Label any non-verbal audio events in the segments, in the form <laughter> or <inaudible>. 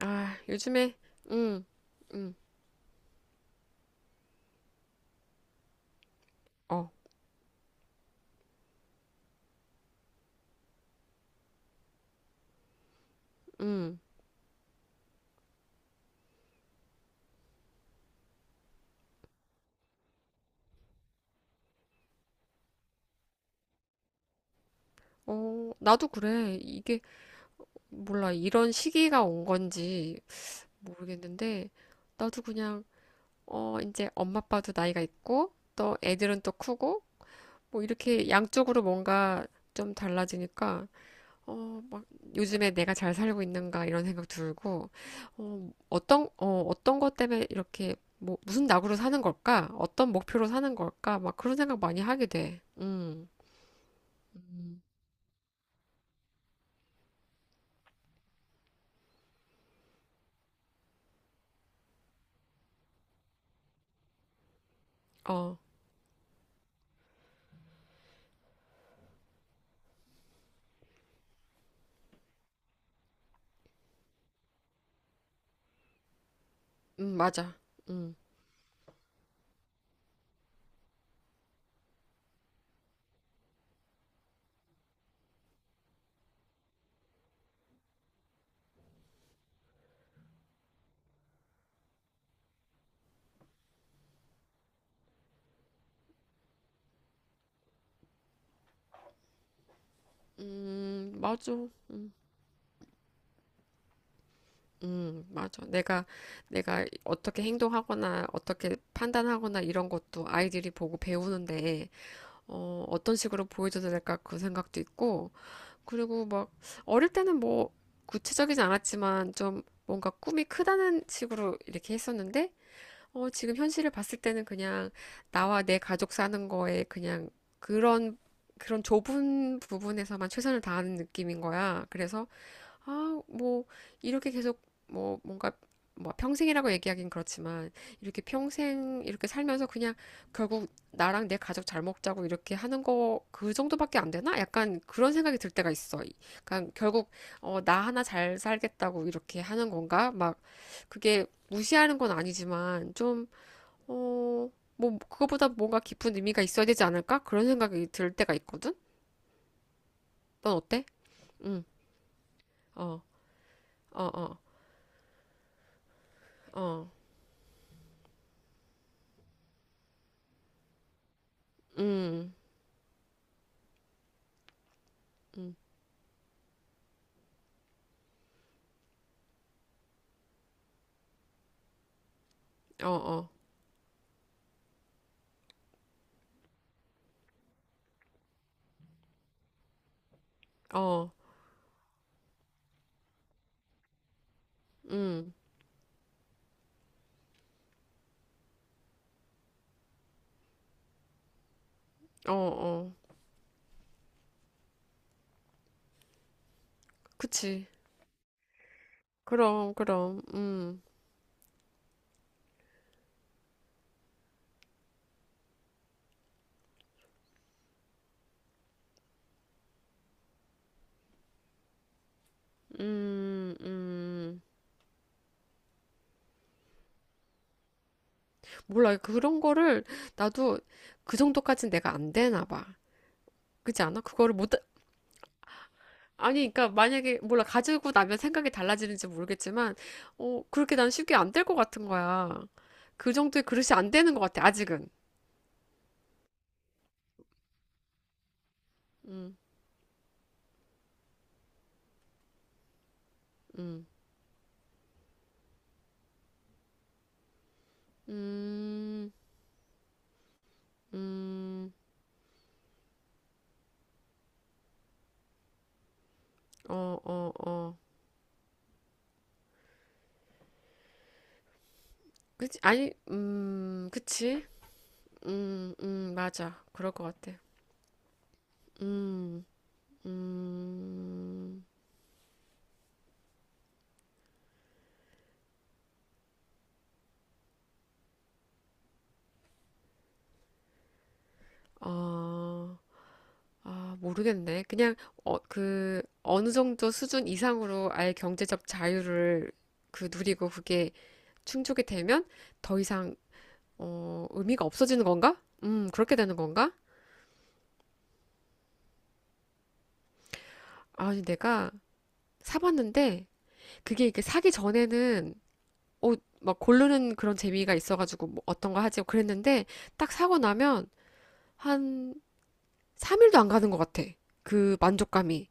아, 요즘에, 응, 응, 어, 응. 어, 나도 그래. 이게, 몰라. 이런 시기가 온 건지 모르겠는데, 나도 그냥, 어, 이제 엄마 아빠도 나이가 있고, 또 애들은 또 크고, 뭐 이렇게 양쪽으로 뭔가 좀 달라지니까, 어, 막, 요즘에 내가 잘 살고 있는가 이런 생각 들고, 어, 어떤, 어, 어떤 것 때문에 이렇게, 뭐, 무슨 낙으로 사는 걸까? 어떤 목표로 사는 걸까? 막 그런 생각 많이 하게 돼. 음. 어, 맞아. 음, 맞아. 맞아. 내가 어떻게 행동하거나, 어떻게 판단하거나 이런 것도 아이들이 보고 배우는데, 어, 어떤 식으로 보여줘야 될까 그 생각도 있고, 그리고 막, 어릴 때는 뭐, 구체적이지 않았지만, 좀 뭔가 꿈이 크다는 식으로 이렇게 했었는데, 어, 지금 현실을 봤을 때는 그냥 나와 내 가족 사는 거에 그냥 그런, 그런 좁은 부분에서만 최선을 다하는 느낌인 거야. 그래서, 아, 뭐, 이렇게 계속, 뭐, 뭔가, 뭐, 평생이라고 얘기하긴 그렇지만, 이렇게 평생, 이렇게 살면서 그냥 결국 나랑 내 가족 잘 먹자고 이렇게 하는 거, 그 정도밖에 안 되나? 약간 그런 생각이 들 때가 있어. 그러니까 결국, 어, 나 하나 잘 살겠다고 이렇게 하는 건가? 막, 그게 무시하는 건 아니지만, 좀, 어, 뭐, 그거보다 뭔가 깊은 의미가 있어야 되지 않을까? 그런 생각이 들 때가 있거든? 넌 어때? 응, 어, 어, 어, 어, 어, 어, 어, 음, 어, 어. 그치. 그럼, 그럼, 음, 음. 몰라. 그런 거를 나도 그 정도까진 내가 안 되나 봐. 그렇지 않아? 그거를 못, 아니, 그러니까 만약에, 몰라. 가지고 나면 생각이 달라지는지 모르겠지만, 어, 그렇게 난 쉽게 안 될 것 같은 거야. 그 정도의 그릇이 안 되는 것 같아, 아직은. 음, 음, 음, 음, 어, 어, 어. 그치? 아니, 그치? 맞아. 그럴 것 같아. 음, 음, 어, 아, 모르겠네. 그냥, 어, 그, 어느 정도 수준 이상으로 아예 경제적 자유를 그 누리고 그게 충족이 되면 더 이상, 어, 의미가 없어지는 건가? 그렇게 되는 건가? 아니, 내가 사봤는데, 그게 이렇게 사기 전에는 어, 막 고르는 그런 재미가 있어가지고 뭐 어떤 거 하지 그랬는데 딱 사고 나면 한 3일도 안 가는 것 같아. 그 만족감이.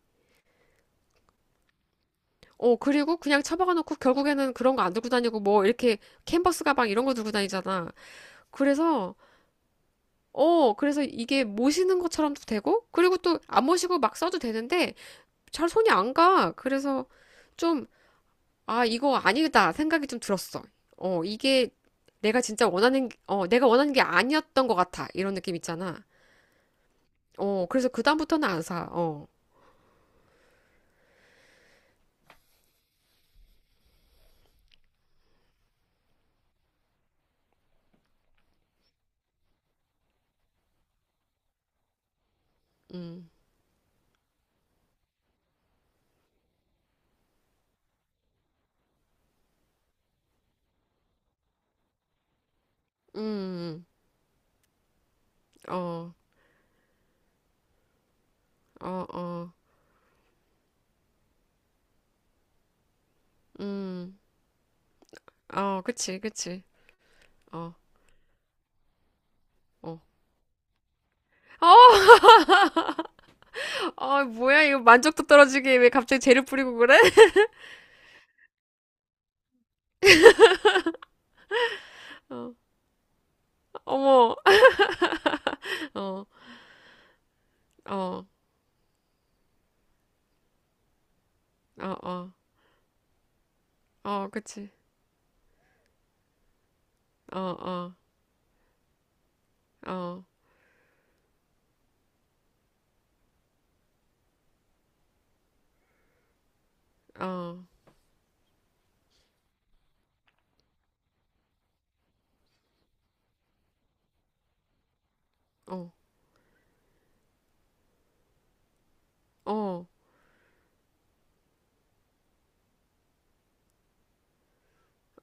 어, 그리고 그냥 처박아 놓고 결국에는 그런 거 안 들고 다니고 뭐 이렇게 캔버스 가방 이런 거 들고 다니잖아. 그래서 어, 그래서 이게 모시는 것처럼도 되고 그리고 또 안 모시고 막 써도 되는데 잘 손이 안 가. 그래서 좀 아, 이거 아니다 생각이 좀 들었어. 어, 이게 내가 진짜 원하는, 어, 내가 원하는 게 아니었던 것 같아. 이런 느낌 있잖아. 어, 그래서 그다음부터는 안 사. 어, 음, 음, 어, 어, 어, 음, 어, 그치, 그치. 어, 어. 어, 아, 뭐야, 이거 만족도 떨어지게 왜 갑자기 재를 뿌리고 그래? <laughs> 어, 어머, 어, 어, 어, 어, 어, 그치. 어, 어, 어, 어, 어, 어,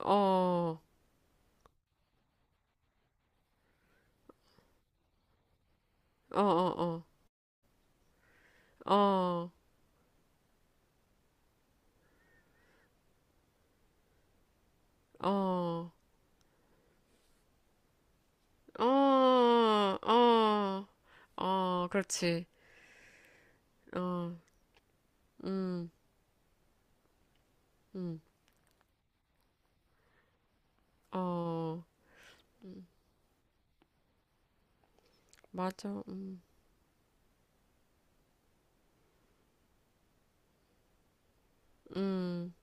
어, 어, 어, 어. 어, 어, 어, 어, 어, 그렇지. 어, 음, 음, 어, 맞아. 음,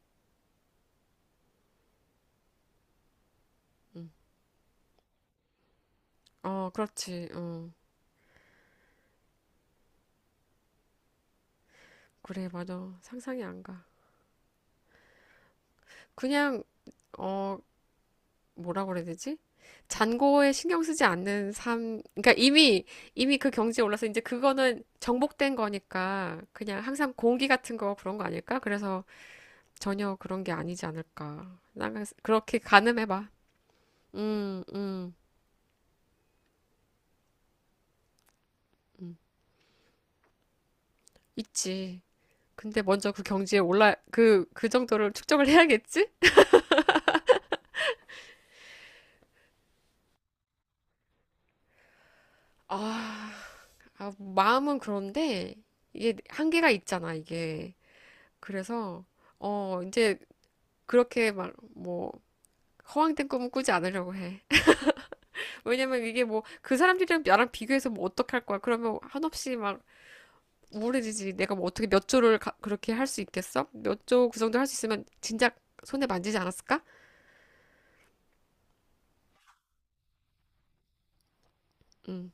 음. 어, 그렇지. 어, 그래, 맞아. 상상이 안 가. 그냥, 어, 뭐라고 그래야 되지? 잔고에 신경 쓰지 않는 삶, 그러니까 이미, 이미 그 경지에 올라서 이제 그거는 정복된 거니까 그냥 항상 공기 같은 거 그런 거 아닐까? 그래서 전혀 그런 게 아니지 않을까. 나가 그렇게 가늠해봐. 음, 음, 음. 있지. 근데 먼저 그 경지에 올라, 그 정도를 축적을 해야겠지? 아, 아, 마음은 그런데 이게 한계가 있잖아, 이게. 그래서, 어, 이제 그렇게 막, 뭐, 허황된 꿈은 꾸지 않으려고 해. <laughs> 왜냐면 이게 뭐, 그 사람들이랑 나랑 비교해서 뭐 어떻게 할 거야. 그러면 한없이 막, 우울해지지. 내가 뭐 어떻게 몇 조를 가- 그렇게 할 수 있겠어? 몇 조 그 정도 할 수 있으면 진작 손에 만지지 않았을까? 음,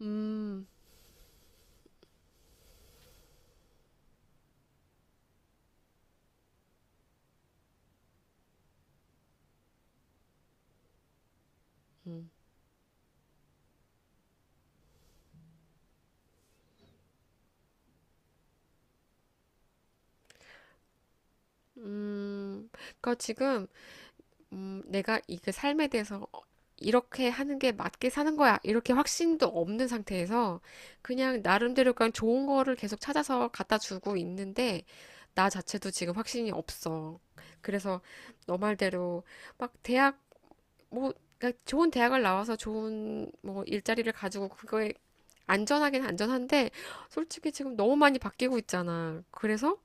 음, 음, 그러니까 지금 내가 이그 삶에 대해서 어, 이렇게 하는 게 맞게 사는 거야. 이렇게 확신도 없는 상태에서 그냥 나름대로 그냥 좋은 거를 계속 찾아서 갖다 주고 있는데 나 자체도 지금 확신이 없어. 그래서 너 말대로 막 대학 뭐 그러니까 좋은 대학을 나와서 좋은 뭐 일자리를 가지고 그거에 안전하긴 안전한데 솔직히 지금 너무 많이 바뀌고 있잖아. 그래서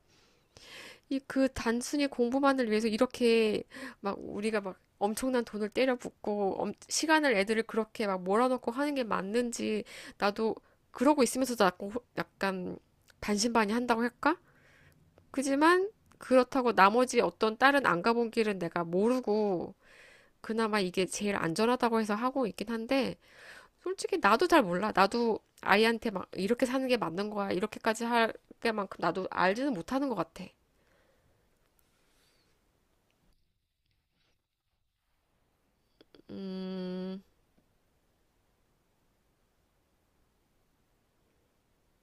이 그 단순히 공부만을 위해서 이렇게 막 우리가 막 엄청난 돈을 때려 붓고 엄- 시간을 애들을 그렇게 막 몰아넣고 하는 게 맞는지 나도 그러고 있으면서도 약간, 호- 약간 반신반의 한다고 할까? 그지만 그렇다고 나머지 어떤 다른 안 가본 길은 내가 모르고 그나마 이게 제일 안전하다고 해서 하고 있긴 한데, 솔직히 나도 잘 몰라. 나도 아이한테 막 이렇게 사는 게 맞는 거야. 이렇게까지 할 게만큼 나도 알지는 못하는 것 같아. 음,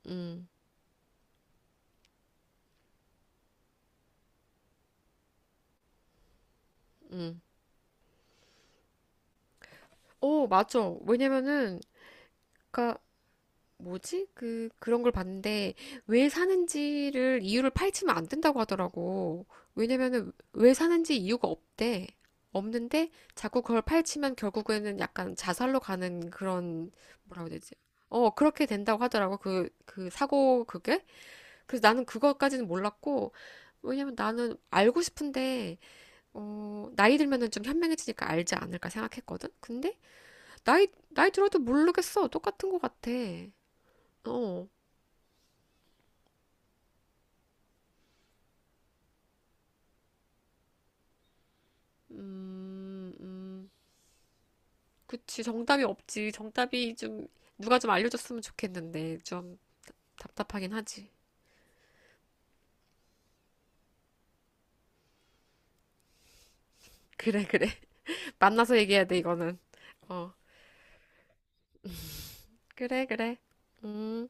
음, 음. 오, 맞죠. 왜냐면은, 그니까 뭐지? 그, 그런 걸 봤는데, 왜 사는지를, 이유를 파헤치면 안 된다고 하더라고. 왜냐면은, 왜 사는지 이유가 없대. 없는데, 자꾸 그걸 파헤치면 결국에는 약간 자살로 가는 그런, 뭐라고 해야 되지? 어, 그렇게 된다고 하더라고. 그, 그 사고, 그게? 그래서 나는 그거까지는 몰랐고, 왜냐면 나는 알고 싶은데, 어, 나이 들면은 좀 현명해지니까 알지 않을까 생각했거든? 근데, 나이 들어도 모르겠어. 똑같은 것 같아. 어. 음, 음. 그치, 정답이 없지. 정답이 좀, 누가 좀 알려줬으면 좋겠는데, 좀 답답하긴 하지. 그래, 그래. <laughs> 만나서 얘기해야 돼, 이거는. 어, 그래, 그래. 음.